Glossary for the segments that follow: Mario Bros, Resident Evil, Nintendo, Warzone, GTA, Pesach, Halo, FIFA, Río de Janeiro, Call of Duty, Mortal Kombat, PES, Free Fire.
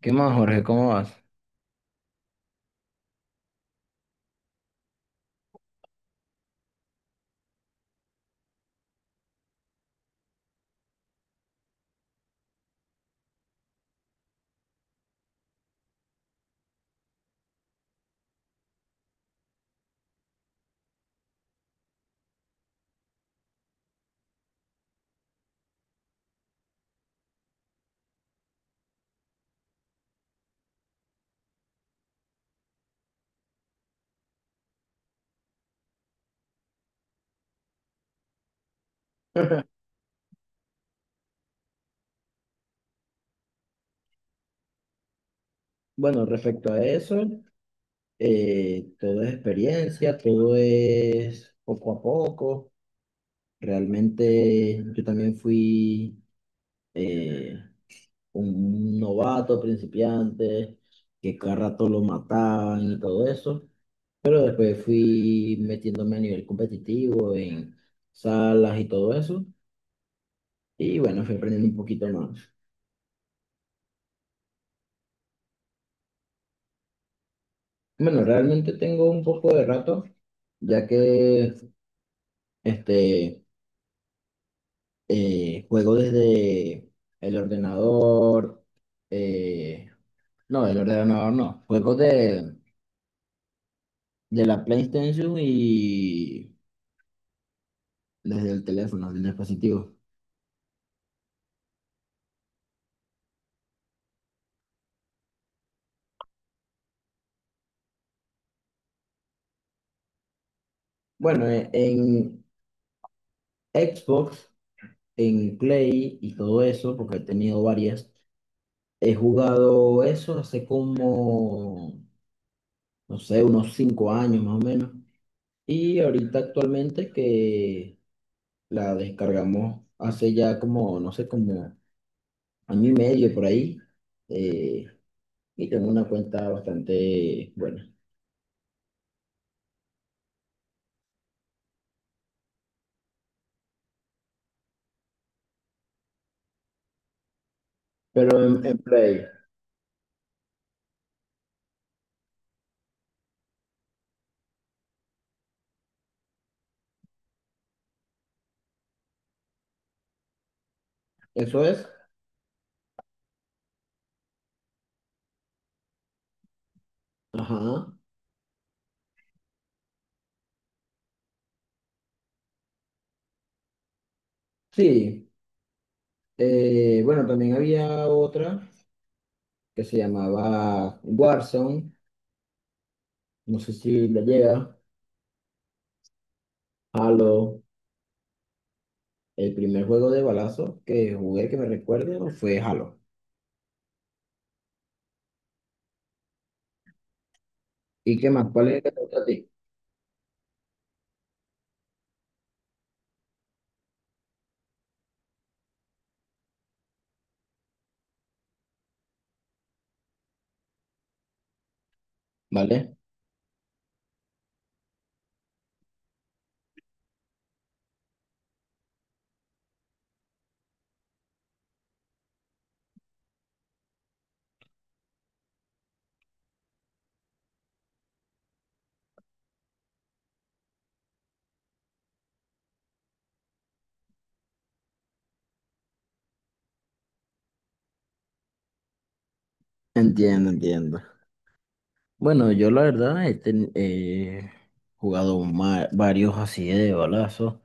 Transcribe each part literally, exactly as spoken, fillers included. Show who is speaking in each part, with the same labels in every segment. Speaker 1: ¿Qué más, Jorge? ¿Cómo vas? Bueno, respecto a eso, eh, todo es experiencia, todo es poco a poco. Realmente yo también fui eh, un novato principiante, que cada rato lo mataban y todo eso, pero después fui metiéndome a nivel competitivo en salas y todo eso, y bueno, fui aprendiendo un poquito más. Bueno, realmente tengo un poco de rato, ya que este... eh, juego desde el ordenador. eh, no, el ordenador no. Juego de, de la PlayStation y desde el teléfono, del dispositivo. Bueno, eh, en Xbox, en Play y todo eso, porque he tenido varias, he jugado eso hace como, no sé, unos cinco años más o menos. Y ahorita actualmente que la descargamos hace ya como, no sé, como año y medio por ahí, eh, y tengo una cuenta bastante buena. Pero en, en Play, eso es. Ajá. Sí. Eh, bueno, también había otra que se llamaba Warzone. No sé si le llega. Halo. El primer juego de balazo que jugué que me recuerdo fue Halo. ¿Y qué más? ¿Cuál es el que te gusta a ti? ¿Vale? Entiendo, entiendo. Bueno, yo la verdad he ten- he jugado ma- varios así de balazo.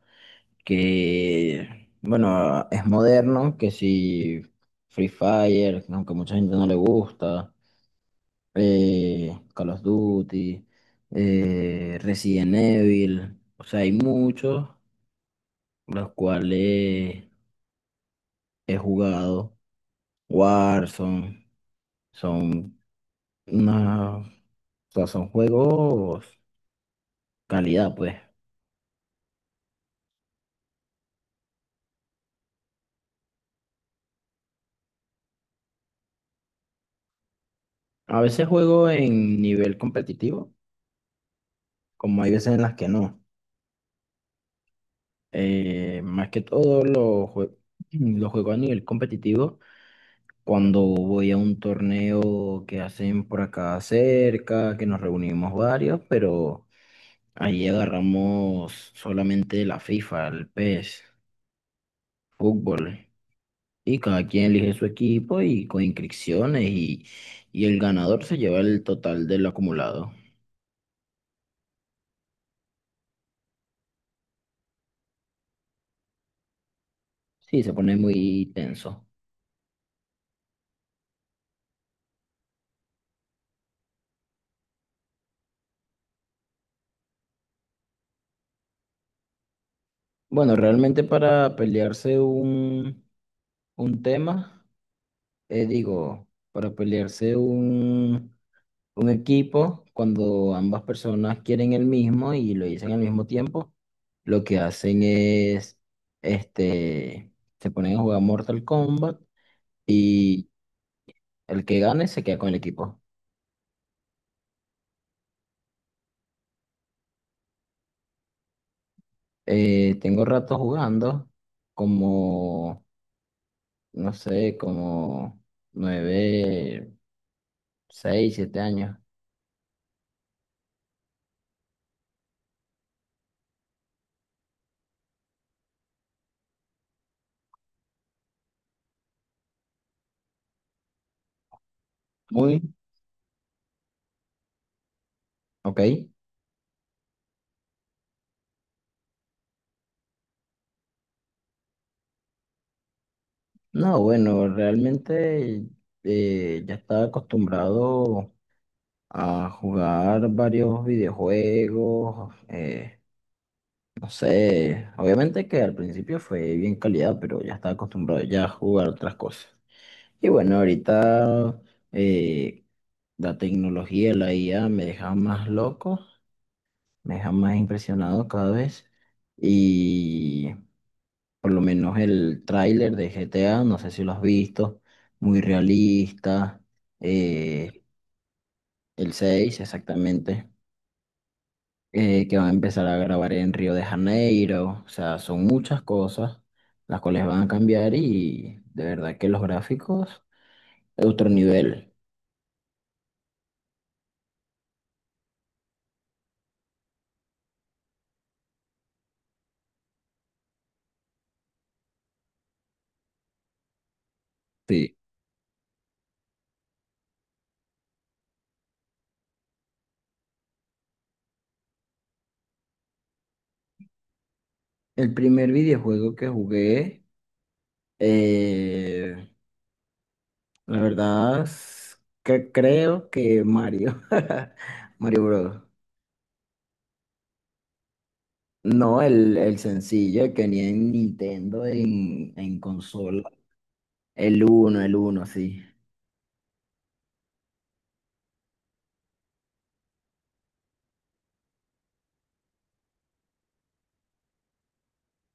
Speaker 1: Que, bueno, es moderno, que si Free Fire, aunque mucha gente no le gusta, eh, Call of Duty, eh, Resident Evil, o sea, hay muchos los cuales he jugado, Warzone, son una, o sea, son juegos calidad, pues. A veces juego en nivel competitivo, como hay veces en las que no. Eh, más que todo lo, jue- lo juego a nivel competitivo cuando voy a un torneo que hacen por acá cerca, que nos reunimos varios, pero ahí agarramos solamente la FIFA, el P E S, fútbol. Y cada quien elige su equipo y con inscripciones y, y el ganador se lleva el total del acumulado. Sí, se pone muy tenso. Bueno, realmente para pelearse un, un tema. Eh, digo, para pelearse un, un equipo, cuando ambas personas quieren el mismo y lo dicen al mismo tiempo, lo que hacen es, este, se ponen a jugar Mortal Kombat y el que gane se queda con el equipo. Eh, tengo rato jugando como, no sé, como nueve, seis, siete años. Muy, ok. No, bueno, realmente eh, ya estaba acostumbrado a jugar varios videojuegos, eh, no sé, obviamente que al principio fue bien calidad, pero ya estaba acostumbrado ya a jugar otras cosas. Y bueno, ahorita eh, la tecnología, la I A me deja más loco, me deja más impresionado cada vez. Por lo menos el tráiler de G T A, no sé si lo has visto, muy realista. eh, el seis exactamente, eh, que van a empezar a grabar en Río de Janeiro. O sea, son muchas cosas las cuales van a cambiar y de verdad que los gráficos, otro nivel. Sí. El primer videojuego que jugué, eh, la verdad, es que creo que Mario, Mario Bros. No, el, el sencillo el que tenía en Nintendo en, en consola. El uno el uno sí.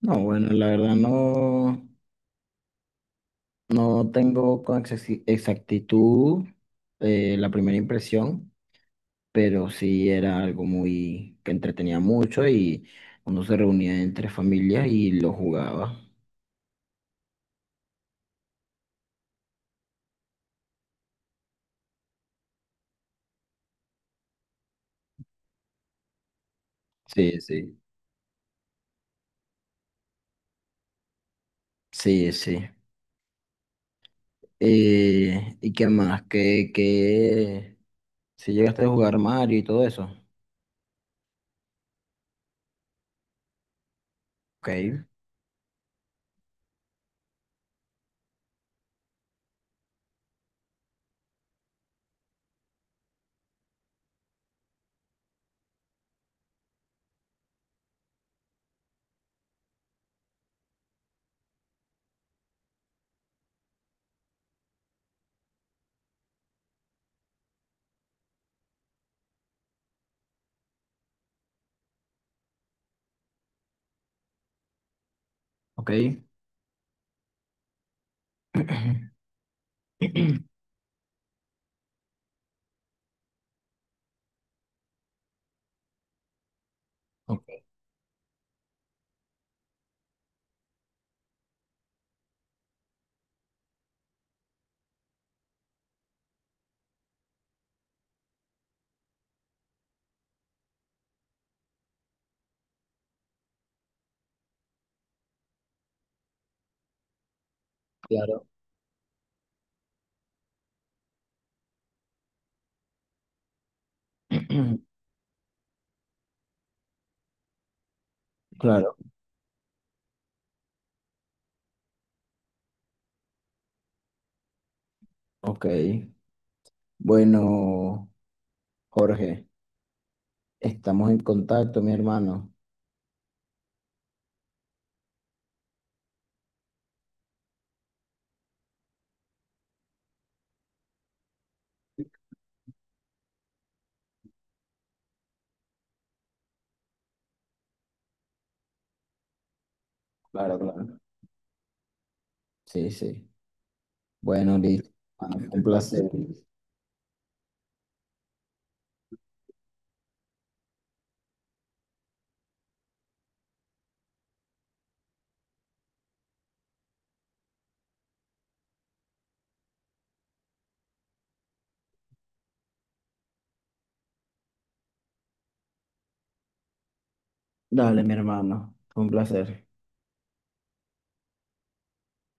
Speaker 1: No, bueno, la verdad no, no tengo con exacti- exactitud eh, la primera impresión, pero sí era algo muy que entretenía mucho y uno se reunía entre familias y lo jugaba. Sí, sí. Sí, sí. Eh, ¿y qué más? ¿Qué, qué? Si llegaste a jugar Mario y todo eso. Ok, ok. Claro, claro, ok. Bueno, Jorge, estamos en contacto, mi hermano. Claro, claro. Sí, sí. Bueno, listo. Bueno, un placer. Dale, mi hermano, un placer.